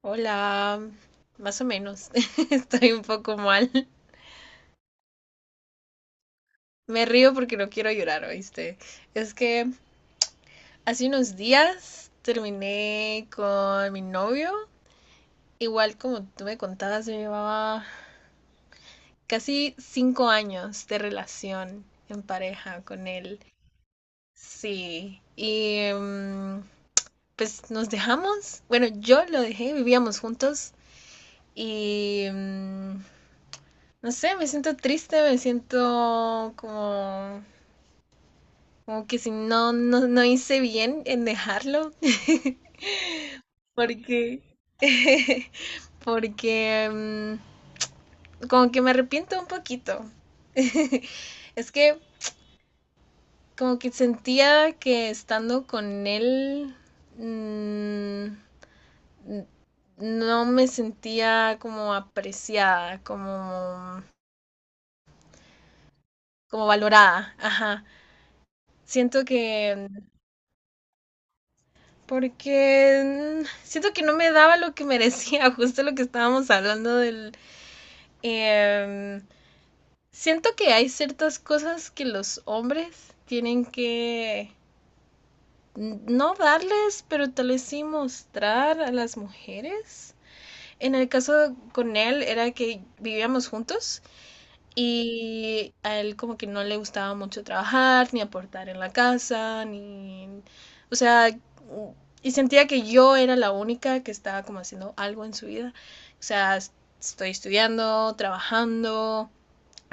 Hola, más o menos. Estoy un poco mal. Me río porque no quiero llorar, ¿oíste? Es que hace unos días terminé con mi novio. Igual como tú me contabas, yo llevaba casi 5 años de relación en pareja con él. Sí. Y pues nos dejamos. Bueno, yo lo dejé, vivíamos juntos y no sé, me siento triste, me siento como que si no hice bien en dejarlo. Porque, porque como que me arrepiento un poquito. Es que como que sentía que estando con él mm, no me sentía como apreciada, como valorada. Ajá. Siento que Porque siento que no me daba lo que merecía, justo lo que estábamos hablando del. em, Siento que hay ciertas cosas que los hombres tienen que no darles, pero tal vez sí mostrar a las mujeres. En el caso con él era que vivíamos juntos y a él como que no le gustaba mucho trabajar, ni aportar en la casa, ni. O sea, y sentía que yo era la única que estaba como haciendo algo en su vida. O sea, estoy estudiando, trabajando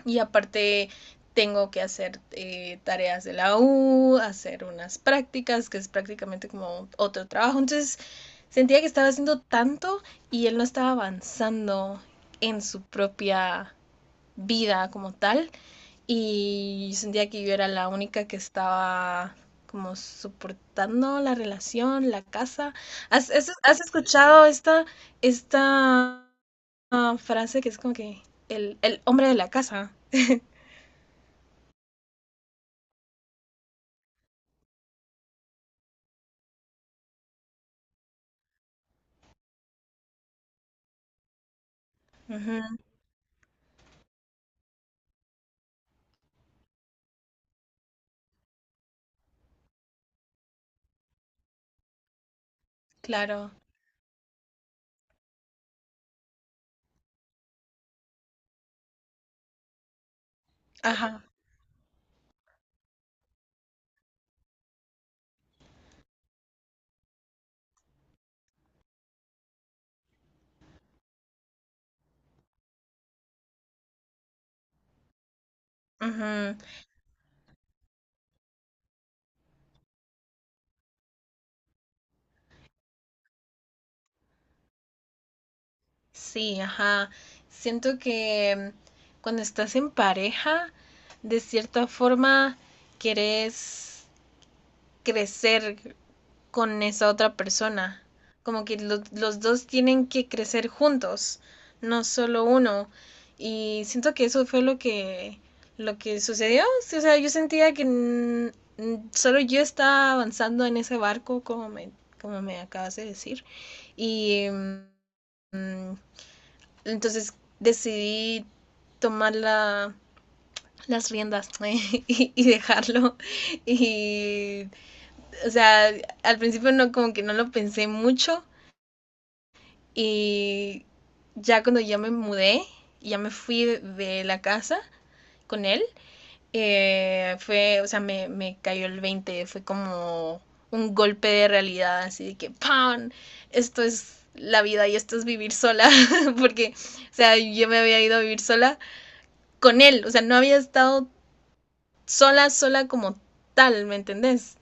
y aparte tengo que hacer tareas de la U, hacer unas prácticas, que es prácticamente como otro trabajo. Entonces sentía que estaba haciendo tanto y él no estaba avanzando en su propia vida como tal y sentía que yo era la única que estaba como soportando la relación, la casa. ¿Has escuchado esta, esta frase que es como que el hombre de la casa? Ujú, claro, ajá, ujú, sí, ajá. Siento que cuando estás en pareja, de cierta forma, querés crecer con esa otra persona. Como que los dos tienen que crecer juntos, no solo uno. Y siento que eso fue lo que, sucedió. Sí, o sea, yo sentía que solo yo estaba avanzando en ese barco, como me acabas de decir. Y mm, entonces decidí tomar las riendas ¿eh? Y dejarlo. Y, o sea, al principio no, como que no lo pensé mucho y ya cuando ya me mudé, ya me fui de la casa con él, fue, o sea, me cayó el 20 fue como un golpe de realidad, así de que ¡pam! Esto es la vida y esto es vivir sola, porque, o sea, yo me había ido a vivir sola con él, o sea, no había estado sola, sola como tal, ¿me entendés?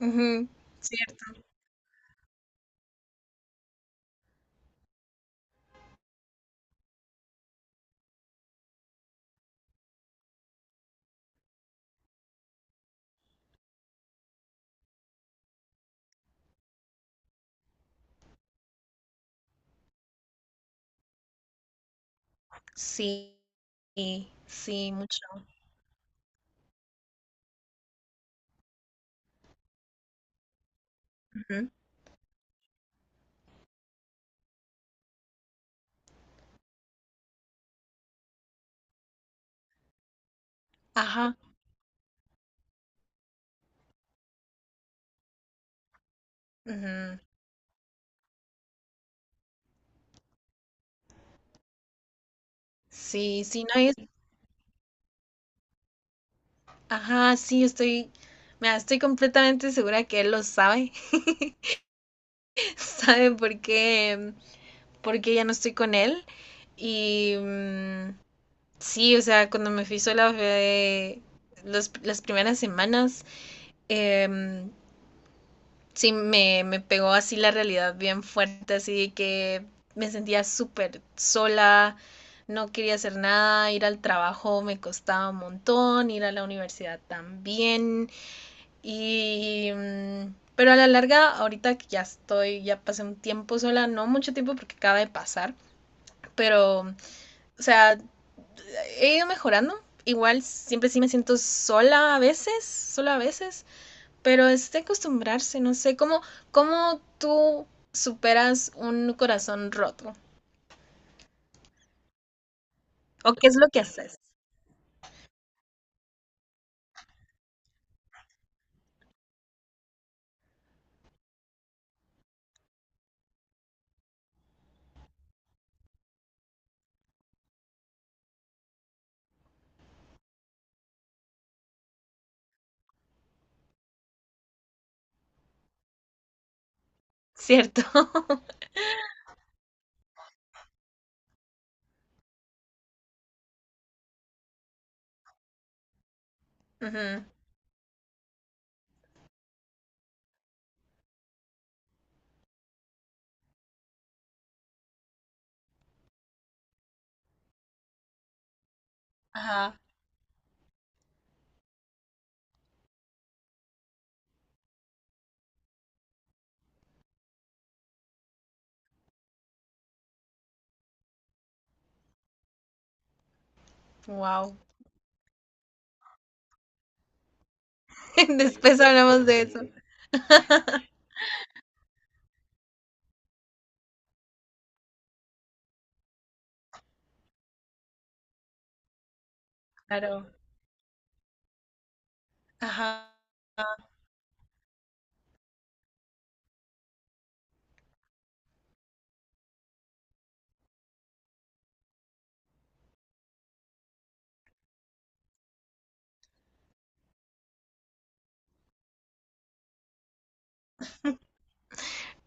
Uh -huh. Sí, sí, sí, mucho. Ujú. Ajá. Ujú. Sí, sí, no es. Ajá, sí, estoy. Mira, estoy completamente segura que él lo sabe. Sabe por qué ya no estoy con él. Y sí, o sea, cuando me fui sola fue las primeras semanas. em, sí me pegó así la realidad bien fuerte, así de que me sentía súper sola, no quería hacer nada, ir al trabajo me costaba un montón, ir a la universidad también y... mm, pero a la larga, ahorita que ya estoy, ya pasé un tiempo sola, no mucho tiempo porque acaba de pasar, pero, o sea, he ido mejorando. Igual siempre sí me siento sola a veces, solo a veces, pero es de acostumbrarse, no sé, ¿cómo tú superas un corazón roto? ¿O qué es lo que haces? ¿Cierto? Ujú. Ajá. Wow. Después hablamos de eso. Claro. Ajá.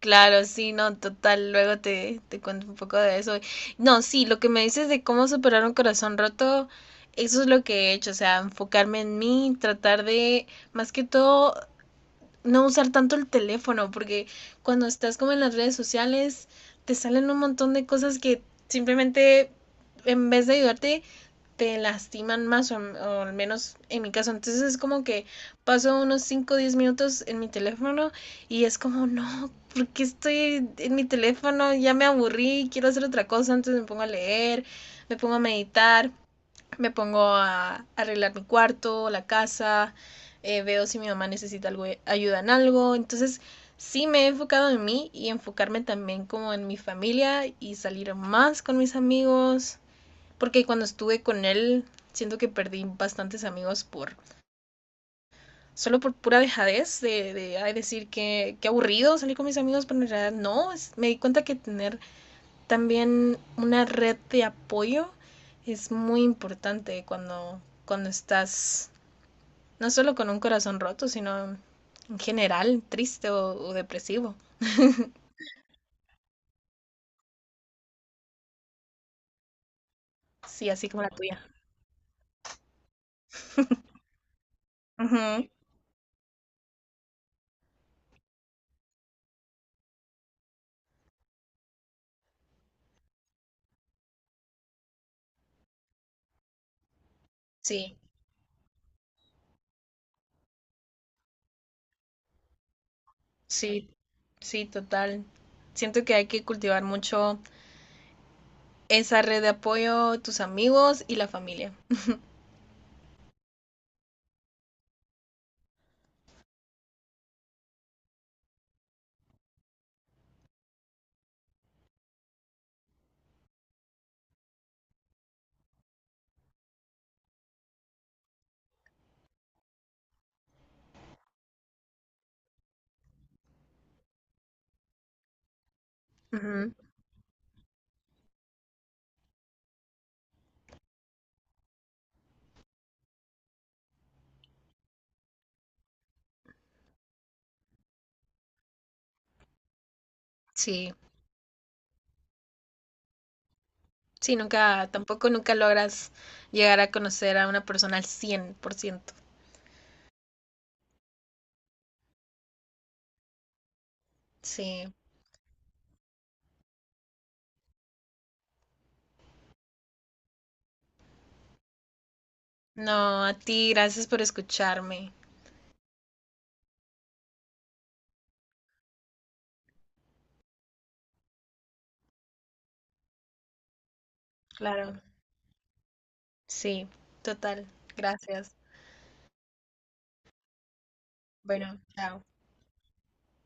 Claro, sí, no, total. Luego te cuento un poco de eso. No, sí, lo que me dices de cómo superar un corazón roto, eso es lo que he hecho. O sea, enfocarme en mí, tratar de, más que todo, no usar tanto el teléfono, porque cuando estás como en las redes sociales, te salen un montón de cosas que simplemente en vez de ayudarte, te lastiman más, o al menos en mi caso. Entonces es como que paso unos cinco o 10 minutos en mi teléfono y es como, no, ¿por qué estoy en mi teléfono? Ya me aburrí, quiero hacer otra cosa, entonces me pongo a leer, me pongo a meditar, me pongo a arreglar mi cuarto, la casa, veo si mi mamá necesita algo, ayuda en algo. Entonces, sí me he enfocado en mí y enfocarme también como en mi familia y salir más con mis amigos, porque cuando estuve con él siento que perdí bastantes amigos por solo por pura dejadez de ay, decir que aburrido salir con mis amigos, pero en realidad no, me di cuenta que tener también una red de apoyo es muy importante cuando estás no solo con un corazón roto, sino en general triste o depresivo. Sí, así como la tuya. Ujú. Sí, sí, sí, total. Siento que hay que cultivar mucho esa red de apoyo, tus amigos y la familia. Ujú. Sí, sí, nunca, tampoco nunca logras llegar a conocer a una persona al 100%. Sí, no, a ti, gracias por escucharme. Claro. Sí, total. Gracias. Bueno, chao.